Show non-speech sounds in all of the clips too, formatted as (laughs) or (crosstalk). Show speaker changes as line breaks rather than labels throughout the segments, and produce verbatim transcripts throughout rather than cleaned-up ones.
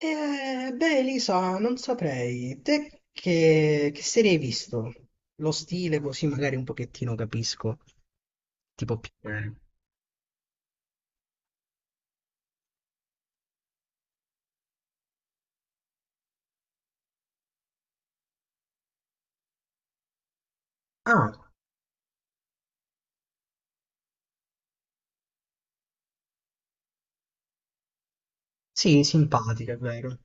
Eh, beh, Elisa, non saprei. Te che, che serie hai visto? Lo stile così magari un pochettino capisco. Tipo più bene. Ah, sì, simpatica, è vero.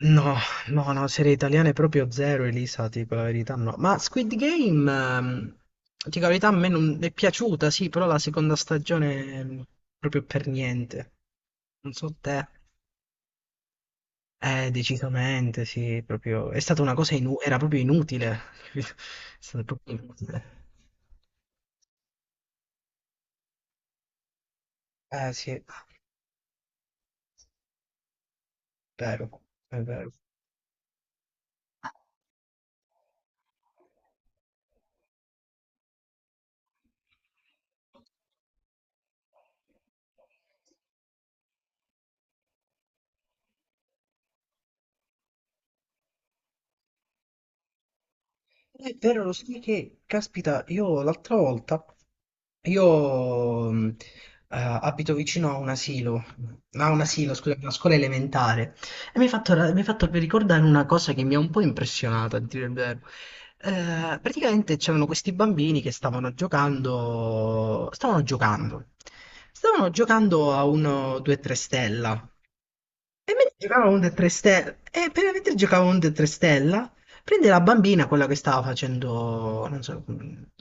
No, no, no, serie italiane proprio zero, Elisa, ti dico la verità, no. Ma Squid Game, ehm, ti dico la verità, a me non è piaciuta, sì, però la seconda stagione ehm, proprio per niente. Non so te. Eh, decisamente, sì, proprio. È stata una cosa inu- era proprio inutile. (laughs) È stata proprio inutile. Eh sì, è vero, è vero. È vero, lo sai che, caspita, io l'altra volta, io mh, eh, abito vicino a un asilo, a un asilo, scusa, una scuola elementare, e mi hai fatto, ra- mi hai fatto ricordare una cosa che mi ha un po' impressionato, a dire il vero. Eh, praticamente c'erano questi bambini che stavano giocando, stavano giocando, stavano giocando a uno due tre stella, e mentre giocavamo a un Dead tre Stella, e per- mentre giocavamo a un Dead tre Stella, prende la bambina, quella che stava facendo, non so,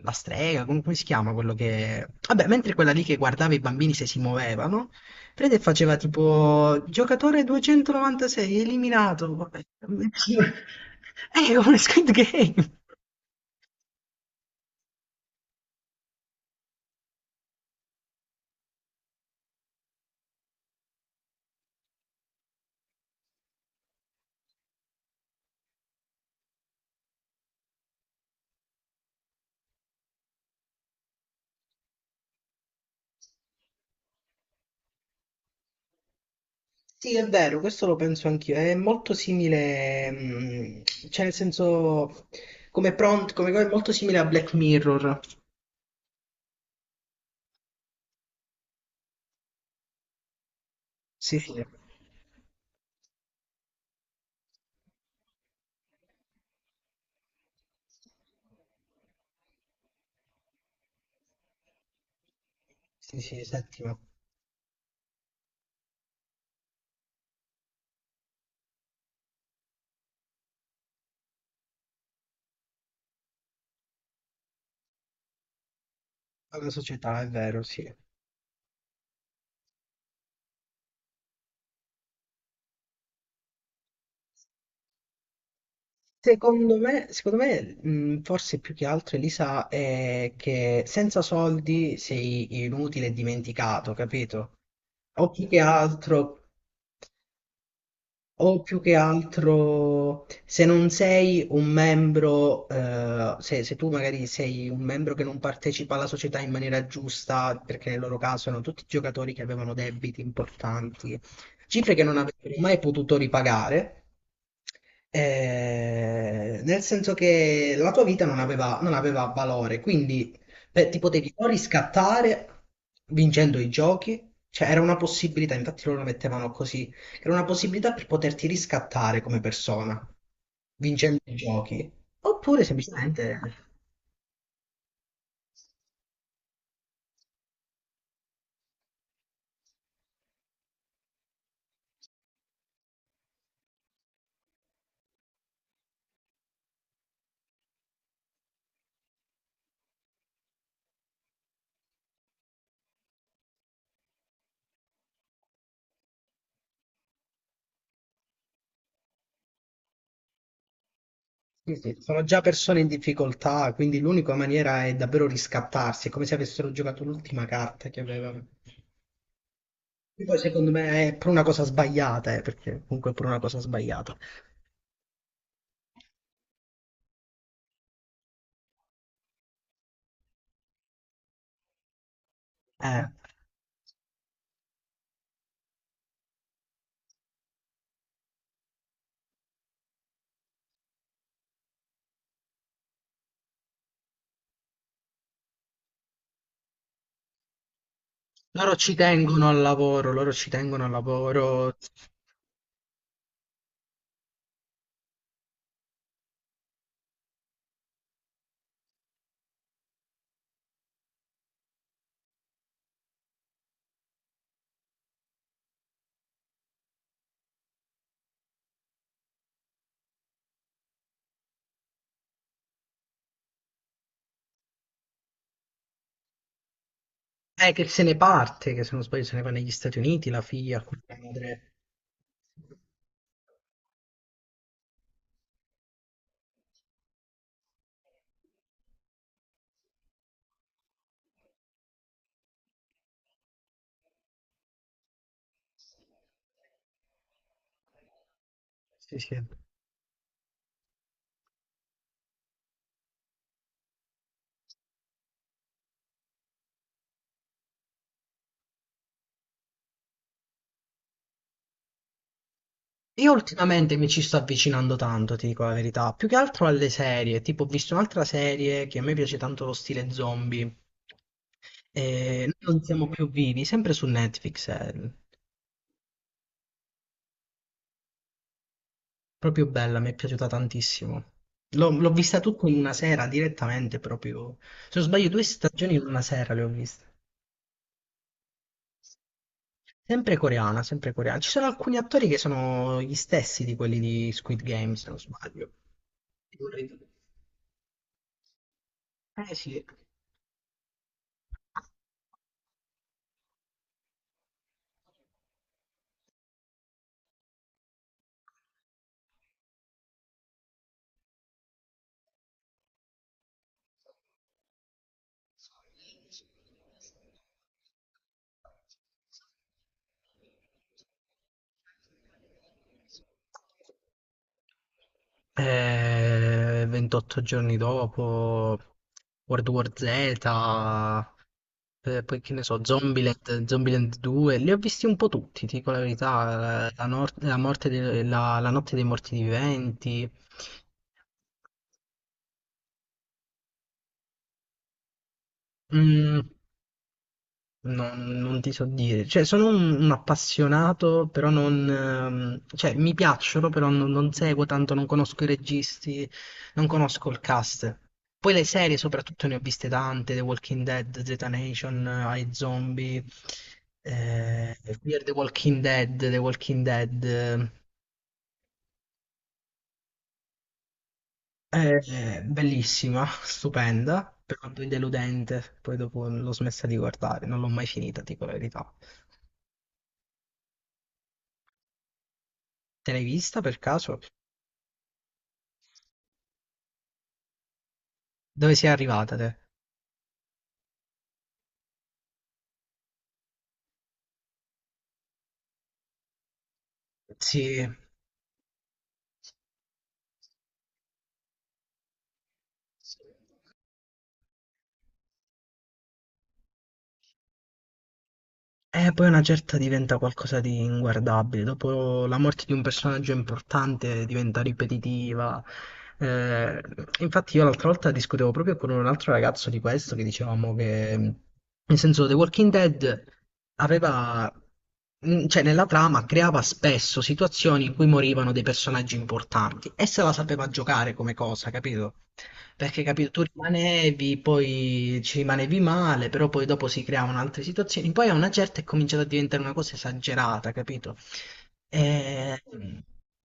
la strega, com- come si chiama, quello che, vabbè, mentre quella lì che guardava i bambini se si muovevano, prende e faceva tipo, giocatore duecentonovantasei, eliminato, vabbè. (laughs) È come Squid Game. Sì, è vero, questo lo penso anch'io, è molto simile, mm, cioè nel senso, come prompt, come cosa, è molto simile a Black Mirror. Sì, sì, sì, sì, settima. Alla società, è vero, sì. Secondo me, secondo me, mh, forse più che altro Elisa è che senza soldi sei inutile e dimenticato, capito? O più che altro. O più che altro, se non sei un membro, eh, se, se tu magari sei un membro che non partecipa alla società in maniera giusta, perché nel loro caso erano tutti giocatori che avevano debiti importanti, cifre che non avrebbero mai potuto ripagare, eh, nel senso che la tua vita non aveva, non aveva valore, quindi beh, ti potevi o riscattare vincendo i giochi, cioè era una possibilità, infatti loro lo mettevano così era una possibilità per poterti riscattare come persona, vincendo i giochi. Oppure semplicemente sì, sì, sono già persone in difficoltà, quindi l'unica maniera è davvero riscattarsi, è come se avessero giocato l'ultima carta che avevano. E poi secondo me è per una cosa sbagliata, eh, perché comunque è per una cosa sbagliata. Eh, loro ci tengono al lavoro, loro ci tengono al lavoro. È che se ne parte, che se non sbaglio se ne va negli Stati Uniti, la figlia, con la madre. Sì, sì. Io ultimamente mi ci sto avvicinando tanto, ti dico la verità, più che altro alle serie, tipo ho visto un'altra serie che a me piace tanto lo stile zombie, e noi non siamo più vivi, sempre su Netflix, è proprio bella, mi è piaciuta tantissimo. L'ho l'ho vista tutta in una sera, direttamente proprio, se non sbaglio due stagioni in una sera le ho viste. Sempre coreana, sempre coreana. Ci sono alcuni attori che sono gli stessi di quelli di Squid Game, se non sbaglio. Eh sì. Eh, ventotto giorni dopo, World War Z, eh, poi che ne so, Zombieland, Zombieland due, li ho visti un po' tutti, ti dico la verità, eh, la, nor- la morte de- la, la notte dei morti viventi. Mm. No, non ti so dire, cioè sono un, un appassionato, però non, ehm, cioè mi piacciono, però non, non seguo tanto, non conosco i registi, non conosco il cast. Poi le serie soprattutto ne ho viste tante, The Walking Dead, Zeta Nation, eh, I Zombie, eh, Fear the Walking Dead, The Walking Dead, eh, eh, bellissima, (laughs) stupenda, però poi deludente, poi dopo l'ho smessa di guardare, non l'ho mai finita, dico la verità. Te l'hai vista per caso? Dove sei arrivata te? Sì, e poi una certa diventa qualcosa di inguardabile. Dopo la morte di un personaggio importante diventa ripetitiva. Eh, infatti io l'altra volta discutevo proprio con un altro ragazzo di questo che dicevamo che, nel senso, The Walking Dead aveva mh, cioè nella trama creava spesso situazioni in cui morivano dei personaggi importanti e se la sapeva giocare come cosa, capito? Perché capito, tu rimanevi, poi ci rimanevi male, però poi dopo si creavano altre situazioni, poi a una certa è cominciata a diventare una cosa esagerata, capito? E,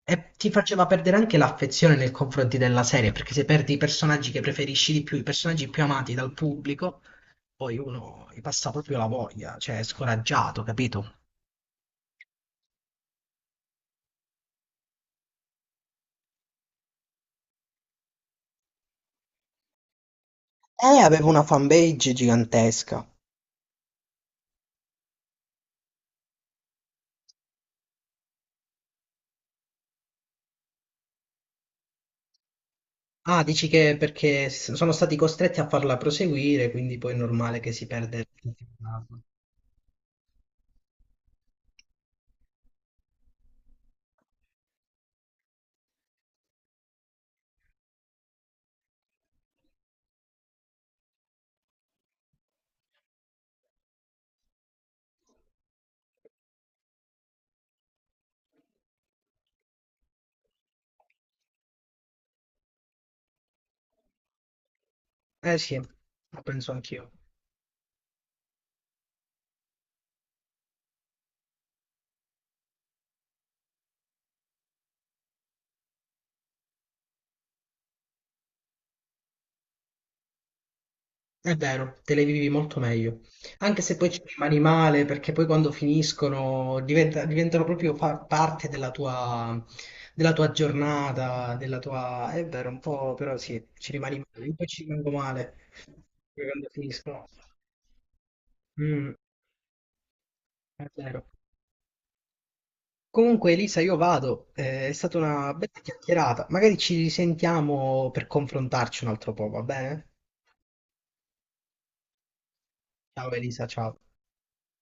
e ti faceva perdere anche l'affezione nei confronti della serie, perché se perdi i personaggi che preferisci di più, i personaggi più amati dal pubblico, poi uno gli passa proprio la voglia, cioè è scoraggiato, capito? Eh, aveva una fanpage gigantesca. Ah, dici che perché s- sono stati costretti a farla proseguire, quindi poi è normale che si perde il significato. Eh sì, lo penso anch'io. È vero, te le vivi molto meglio. Anche se poi ci rimani male, perché poi quando finiscono diventa- diventano proprio fa- parte della tua, della tua, giornata, della tua. È vero, un po', però sì, ci rimani male. Io poi ci rimango male poi quando finiscono. Mm, è vero. Comunque, Elisa, io vado. Eh, è stata una bella chiacchierata. Magari ci risentiamo per confrontarci un altro po', va bene? Ciao, Elisa, ciao.